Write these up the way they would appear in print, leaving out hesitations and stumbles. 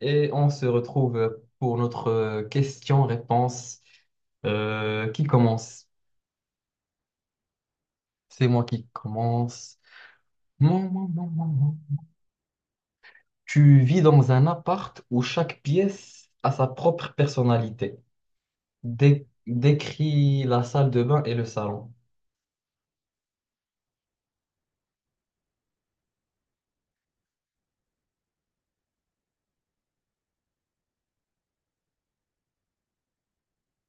Et on se retrouve pour notre question-réponse qui commence. C'est moi qui commence. Mon. Tu vis dans un appart où chaque pièce a sa propre personnalité. Décris la salle de bain et le salon.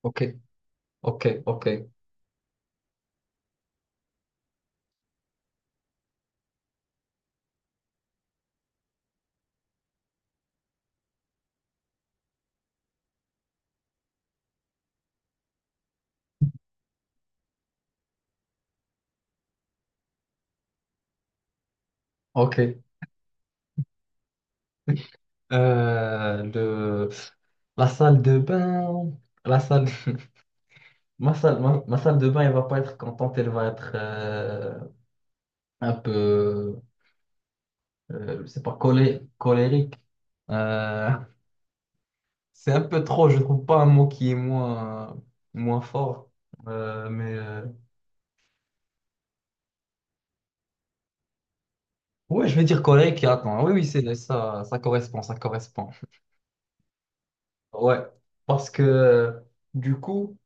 Ok, ok, ok, ok. Euh, le... La salle de bain, la salle, ma salle de bain, elle va pas être contente, elle va être un peu. C'est pas colérique. Euh, c'est un peu trop, je trouve pas un mot qui est moins, moins fort. Mais ouais, je vais dire colérique. Attends, oui, oui, c'est ça, ça correspond, ça correspond. Ouais, parce que euh, du coup,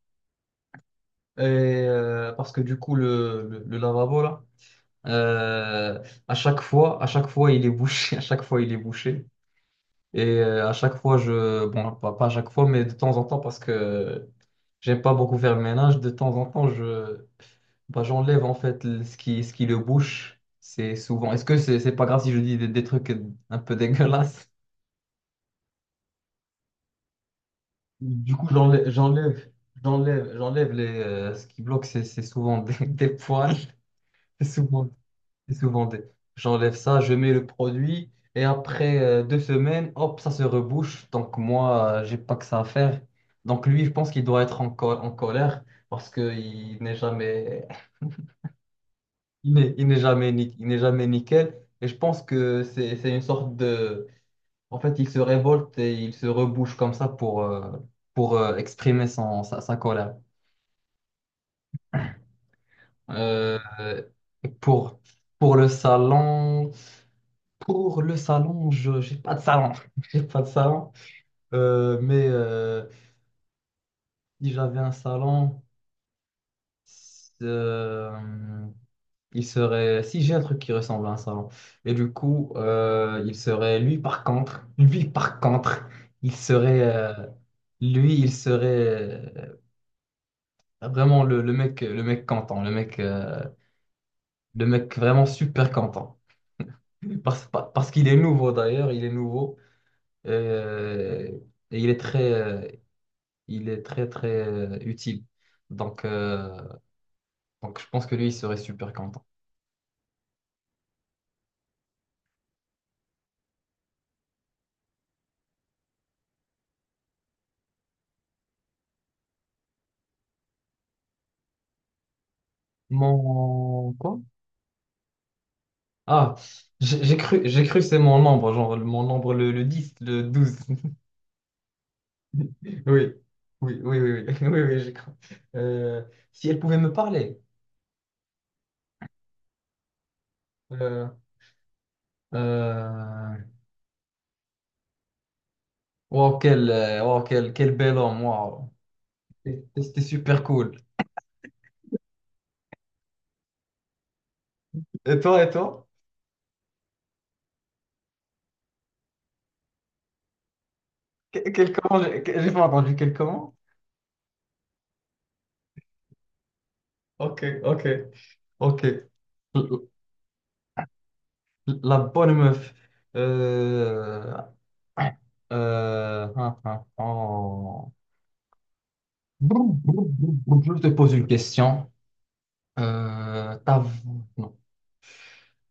parce que du coup, le lavabo là, euh, à chaque fois, il est bouché, à chaque fois, il est bouché. Et à chaque fois, je... Bon, pas à chaque fois, mais de temps en temps, parce que j'aime pas beaucoup faire le ménage, de temps en temps, je... Bah, j'enlève en fait ce qui le bouche. C'est souvent... Est-ce que c'est pas grave si je dis des trucs un peu dégueulasses? Du coup, j'enlève. J'enlève les... Ce qui bloque, c'est souvent des, des poils. C'est souvent C'est souvent des... J'enlève ça, je mets le produit et après 2 semaines, hop, ça se rebouche. Donc moi, j'ai pas que ça à faire. Donc lui, je pense qu'il doit être en colère parce qu'il n'est jamais, il n'est jamais, il n'est jamais nickel. Et je pense que c'est une sorte de... En fait, il se révolte et il se rebouche comme ça pour, exprimer sa colère. Euh, pour, pour le salon. Pour le salon, je j'ai pas de salon. J'ai pas de salon. Mais si j'avais un salon, euh, il serait. Si j'ai un truc qui ressemble à un salon. Et du coup, il serait. Lui, par contre, il serait. Il serait vraiment le mec, le mec vraiment super content. Parce qu'il est nouveau d'ailleurs, il est nouveau. Euh, et il est très très utile. Donc, euh, donc je pense que lui, il serait super content. Mon quoi? Ah, j'ai cru que c'est mon nombre, genre mon nombre le 10, le 12. Oui, oui, oui, oui, oui, oui, oui, j'ai cru. Euh, Si elle pouvait me parler. Euh, euh, wow, wow, quel bel homme, wow. C'était super cool. Et toi, et toi? Quel, comment j'ai pas entendu quel comment? Ok, ok, ok. La bonne meuf. Euh, hein, hein, oh. Brou, brou, brou, brou. Je te pose une question. Ta Non.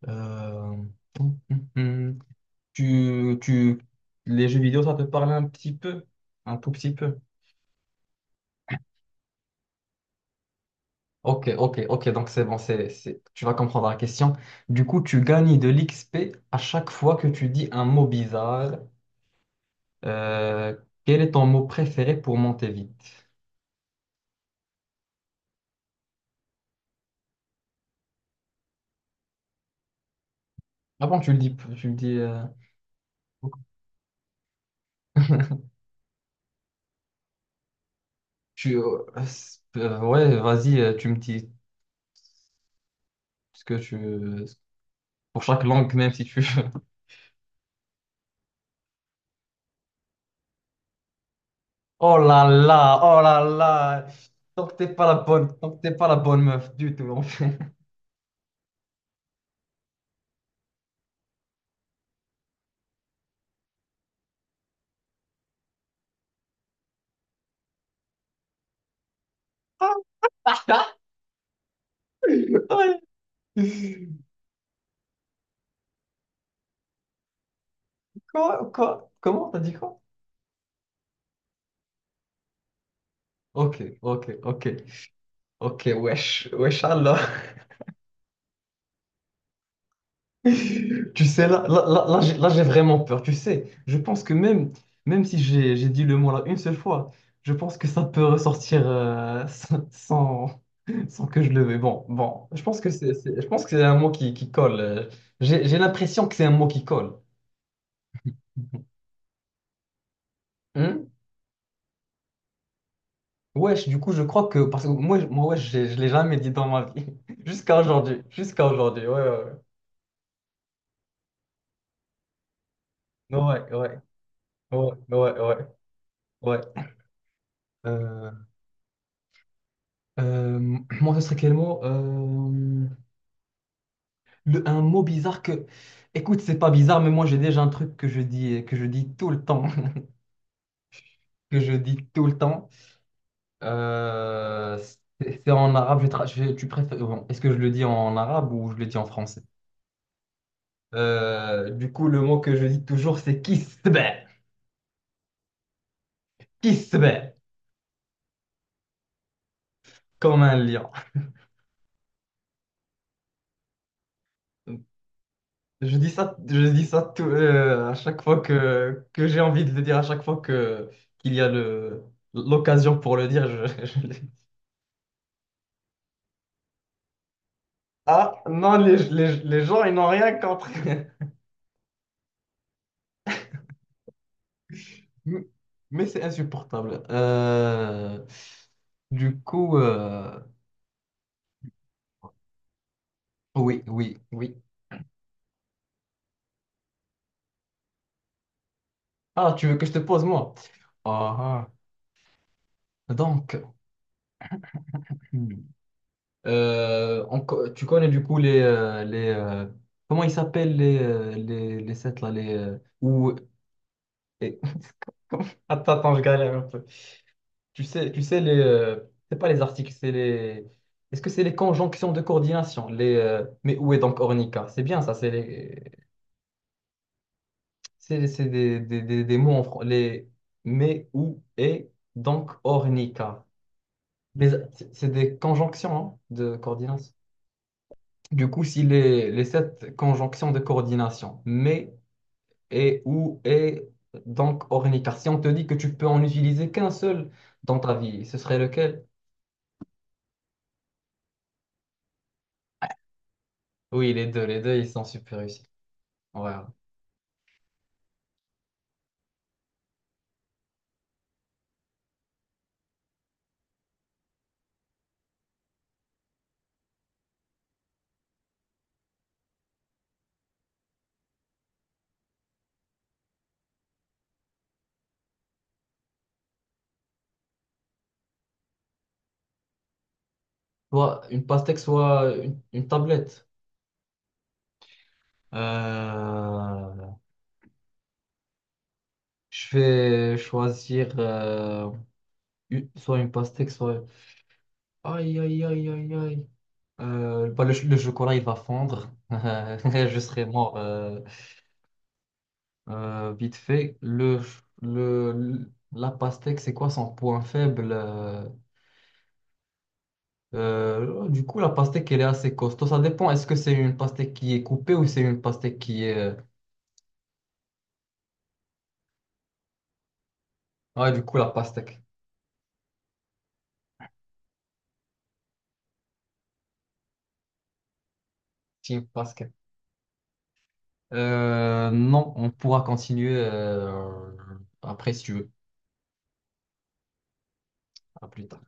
Euh, hum, hum, hum. Tu, les jeux vidéo, ça te parle un petit peu, un tout petit peu. Ok, ok, ok. Donc c'est bon, tu vas comprendre la question. Du coup, tu gagnes de l'XP à chaque fois que tu dis un mot bizarre. Euh, Quel est ton mot préféré pour monter vite? Ah bon, tu le dis, tu le dis. Ouais, vas-y, tu me dis ce que tu veux. Pour chaque langue, même si tu veux. Oh là là, oh là là. Tant que t'es pas la bonne, tant que t'es pas la bonne meuf du tout, en fait. Ouais. Quoi, quoi, comment t'as dit quoi? Ok, ok, ok, ok, wesh, wesh, Allah. Tu sais, là, là, là, là, j'ai vraiment peur. Tu sais, je pense que même si j'ai dit le mot là une seule fois, je pense que ça peut ressortir sans que je le veuille. Bon, je pense que c'est un mot qui colle. J'ai l'impression que c'est un mot qui colle. Hmm. Wesh, du coup, je crois que... Parce que moi, moi wesh, je l'ai jamais dit dans ma vie. Jusqu'à aujourd'hui. Jusqu'à aujourd'hui, ouais, ouais, ouais. Ouais, ouais, ouais, ouais, ouais, ouais. Euh, euh, Moi, ce serait quel mot? Un mot bizarre que, écoute, c'est pas bizarre, mais moi j'ai déjà un truc que je dis tout le temps, que je dis tout le temps. Euh, c'est en arabe. Tu préfères, bon, est-ce que je le dis en arabe ou je le dis en français? Du coup, le mot que je dis toujours, c'est kisbeh, kisbeh, comme un lion. Je dis ça à chaque fois que j'ai envie de le dire, à chaque fois que qu'il y a le l'occasion pour le dire, je, je le... Ah, non, les gens, ils n'ont rien compris. Mais c'est insupportable. Du coup, oui, oui, oui. Ah, tu veux que je te pose, moi? Ah, ah. Hmm. Tu connais du coup les comment ils s'appellent les, les sets là les, ou, et- Attends, attends, je galère. Tu sais les, c'est pas les articles, c'est les. Est-ce que c'est les conjonctions de coordination? Les, mais où est donc Ornica? C'est bien ça, c'est les, c'est des mots en français. Les, mais où est donc Ornica? C'est des conjonctions hein, de coordination. Du coup, si les sept conjonctions de coordination, mais et où est donc Ornica? Si on te dit que tu peux en utiliser qu'un seul dans ta vie, ce serait lequel? Oui, les deux, ils sont super réussis. Ouais. Soit une pastèque, soit une tablette. Euh, je vais choisir soit une pastèque, soit... Aïe, aïe, aïe, aïe, aïe. Bah, le chocolat, il va fondre. Je serai mort vite fait. Le, ch- le- La pastèque, c'est quoi son point faible? Du coup, la pastèque, elle est assez costaud. Ça dépend. Est-ce que c'est une pastèque qui est coupée ou c'est une pastèque qui est... Ouais, du coup, la pastèque. Team pastèque. Non, on pourra continuer après si tu veux. À plus tard.